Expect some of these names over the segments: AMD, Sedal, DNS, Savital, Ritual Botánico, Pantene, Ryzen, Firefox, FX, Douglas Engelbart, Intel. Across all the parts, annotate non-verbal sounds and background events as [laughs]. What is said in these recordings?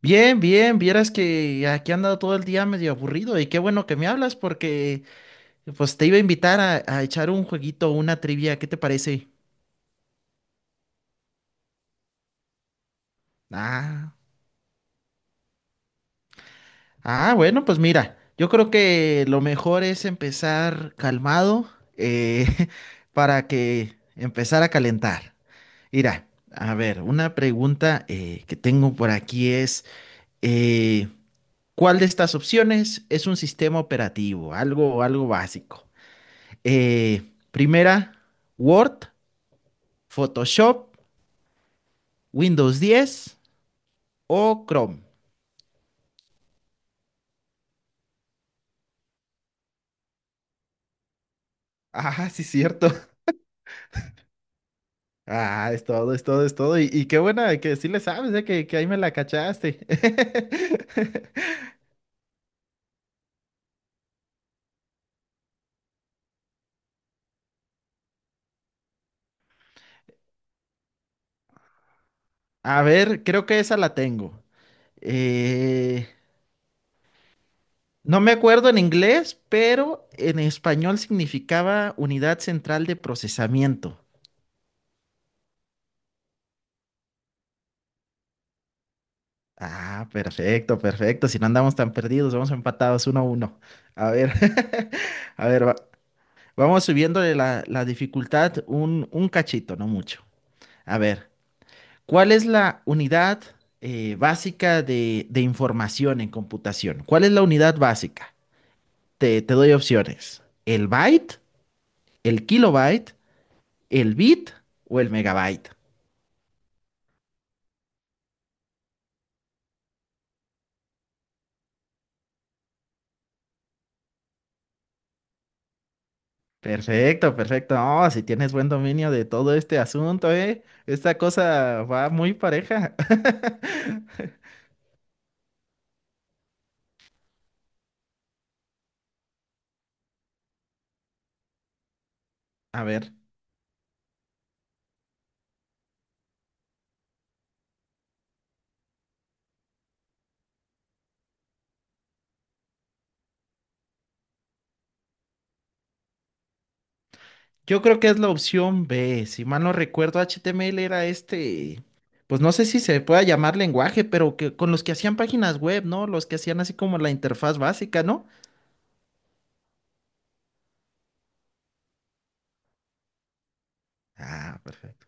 Bien, bien, vieras que aquí he andado todo el día medio aburrido y qué bueno que me hablas porque pues te iba a invitar a echar un jueguito, una trivia, ¿qué te parece? Ah, ah, bueno, pues mira, yo creo que lo mejor es empezar calmado, eh, [laughs] para que empezar a calentar. Mira, a ver, una pregunta que tengo por aquí es, eh, ¿cuál de estas opciones es un sistema operativo? Algo básico. Eh, primera, Word, Photoshop, Windows 10 o Chrome. [laughs] Ah, sí, cierto. Ah, es todo, es todo, es todo. Y qué buena que sí le sabes, que ahí me la cachaste. [laughs] A ver, creo que esa la tengo. Eh, no me acuerdo en inglés, pero en español significaba unidad central de procesamiento. Ah, perfecto, perfecto. Si no andamos tan perdidos, vamos empatados uno a uno. A ver, [laughs] a ver, vamos subiéndole la dificultad un cachito, no mucho. A ver, ¿cuál es la unidad básica de información en computación? ¿Cuál es la unidad básica? Te doy opciones. ¿El byte, el kilobyte, el bit o el megabyte? Perfecto, perfecto. No, si tienes buen dominio de todo este asunto, ¿eh? Esta cosa va muy pareja. [laughs] A ver, yo creo que es la opción B. Si mal no recuerdo, HTML era este, pues no sé si se pueda llamar lenguaje, pero que con los que hacían páginas web, ¿no? Los que hacían así como la interfaz básica, ¿no? Ah, perfecto.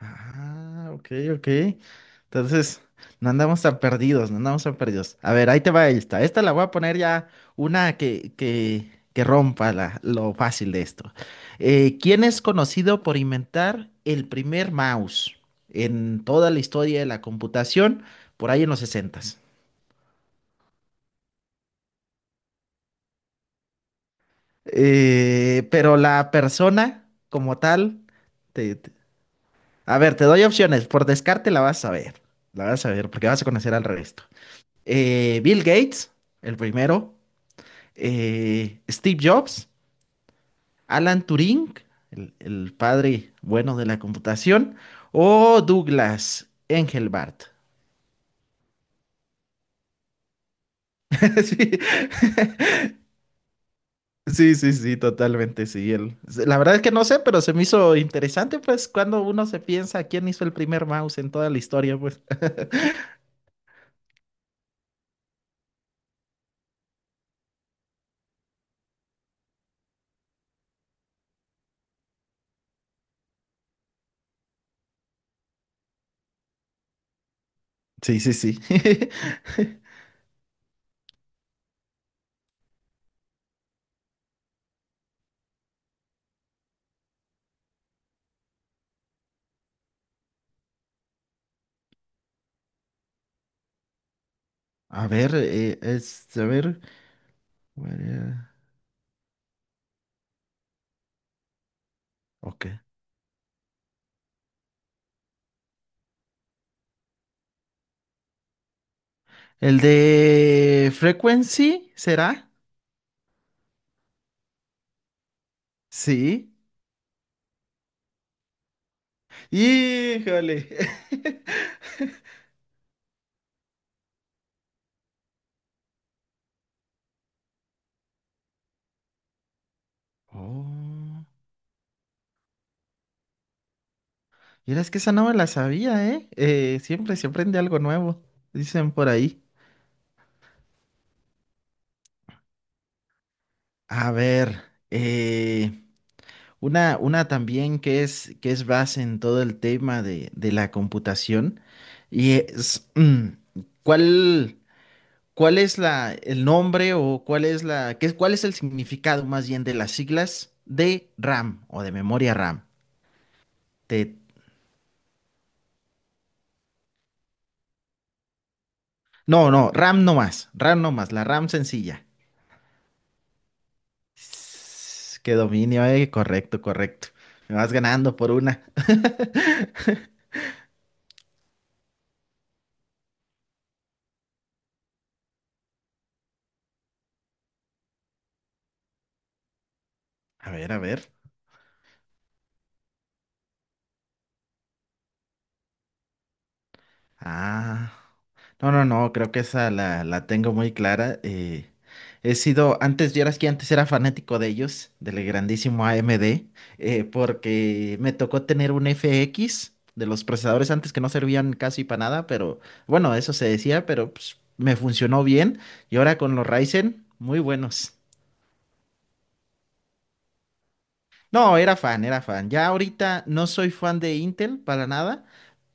Ah, ok, ok. Entonces, no andamos tan perdidos, no andamos tan perdidos. A ver, ahí te va esta. Esta la voy a poner ya una que rompa lo fácil de esto. ¿Quién es conocido por inventar el primer mouse en toda la historia de la computación por ahí en los sesentas? Pero la persona como tal, te- te- a ver, te doy opciones. Por descarte la vas a ver. La vas a ver porque vas a conocer al resto. Bill Gates, el primero, Steve Jobs, Alan Turing, el padre bueno de la computación, o Douglas Engelbart. [laughs] Sí, sí, sí, sí, totalmente, sí. Él. La verdad es que no sé, pero se me hizo interesante, pues, cuando uno se piensa quién hizo el primer mouse en toda la historia, pues. [laughs] Sí, sí, sí. [laughs] A ver, a ver. Bueno, ok. ¿El de Frequency será? Sí. Híjole. [laughs] Oh. Mira, es que esa no me la sabía, ¿eh? Siempre se aprende algo nuevo, dicen por ahí. A ver, eh, una también que es base en todo el tema de la computación. Y es, mm, ¿cuál, cuál es el nombre o cuál es cuál es el significado más bien de las siglas de RAM o de memoria RAM? ¿Te, No, no, RAM no más, la RAM sencilla. Qué dominio, correcto, correcto. Me vas ganando por una. [laughs] A ver, a ver. Ah. No, no, no, creo que esa la tengo muy clara. Vieras que antes era fanático de ellos, del grandísimo AMD, porque me tocó tener un FX de los procesadores antes que no servían casi para nada, pero bueno, eso se decía, pero pues, me funcionó bien. Y ahora con los Ryzen, muy buenos. No, era fan, era fan. Ya ahorita no soy fan de Intel para nada,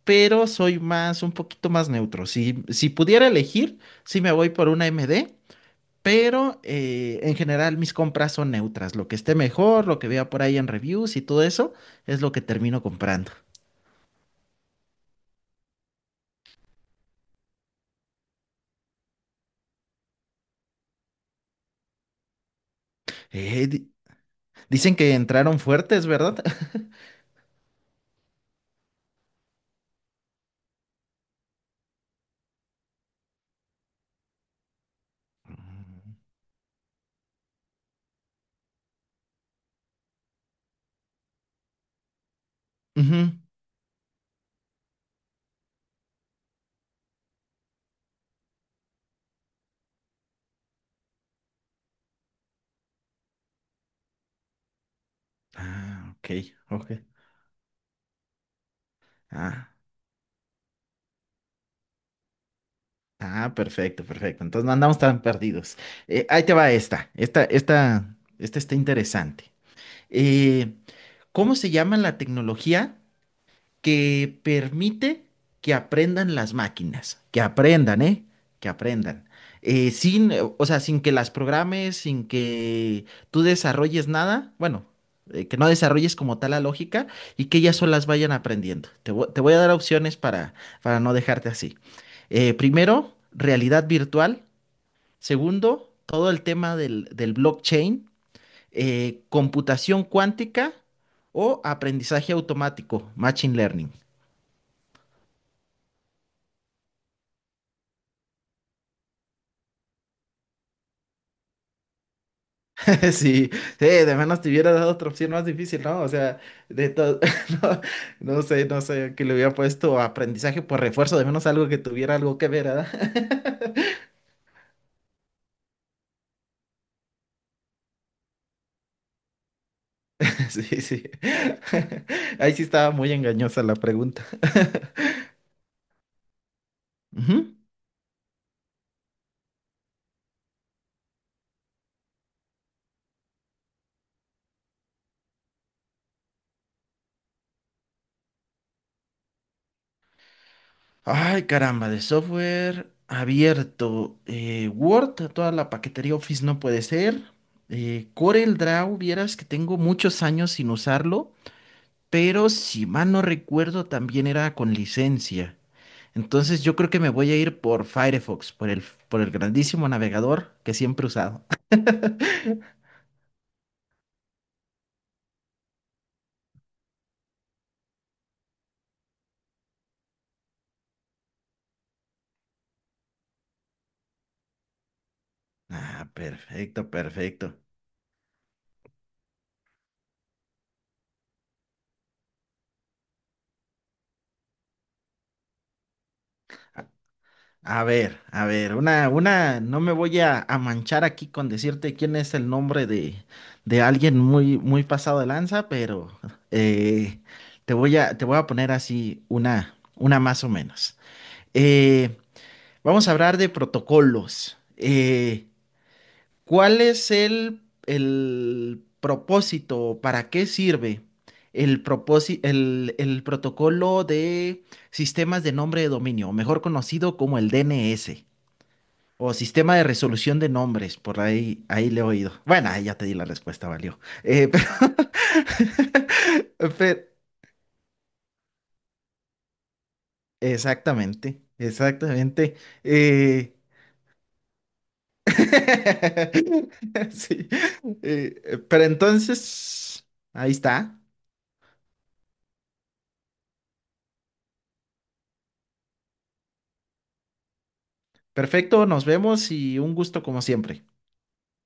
pero soy más, un poquito más neutro. Si pudiera elegir, sí me voy por una AMD, pero en general mis compras son neutras. Lo que esté mejor, lo que vea por ahí en reviews y todo eso, es lo que termino comprando. Eh, di- dicen que entraron fuertes, ¿verdad? [laughs] Ujú. Ah, ok, ok. Ah. Ah, perfecto, perfecto. Entonces no andamos tan perdidos. Ahí te va esta. Esta está interesante. eh, ¿Cómo se llama la tecnología que permite que aprendan las máquinas? Que aprendan, ¿eh? Que aprendan. Sin, o sea, sin que las programes, sin que tú desarrolles nada, bueno, que no desarrolles como tal la lógica y que ellas solas vayan aprendiendo. Te voy a dar opciones para no dejarte así. Primero, realidad virtual. Segundo, todo el tema del blockchain, computación cuántica o aprendizaje automático, machine learning. [laughs] Sí, sí, de menos te hubiera dado otra opción más difícil, ¿no? O sea, de todo, [laughs] no, no sé, no sé, que le hubiera puesto aprendizaje por refuerzo, de menos algo que tuviera algo que ver, ¿verdad? [laughs] Sí, sí. [laughs] Ahí sí estaba muy engañosa la pregunta. Ujú. Ay, caramba, de software abierto. Word, toda la paquetería Office no puede ser. CorelDRAW, vieras que tengo muchos años sin usarlo, pero si mal no recuerdo también era con licencia. Entonces yo creo que me voy a ir por Firefox, por el grandísimo navegador que siempre he usado. [laughs] Ah, perfecto, perfecto. A ver, no me voy a manchar aquí con decirte quién es el nombre de alguien muy, muy pasado de lanza, pero eh, te voy a, poner así una más o menos. Eh, vamos a hablar de protocolos. ¿Cuál es el propósito? ¿O para qué sirve el protocolo de sistemas de nombre de dominio, o mejor conocido como el DNS? O sistema de resolución de nombres, por ahí, ahí le he oído. Bueno, ahí ya te di la respuesta, valió. Eh, [laughs] pe- pe- exactamente, exactamente. Eh, [laughs] sí. Pero entonces, ahí está. Perfecto, nos vemos y un gusto como siempre.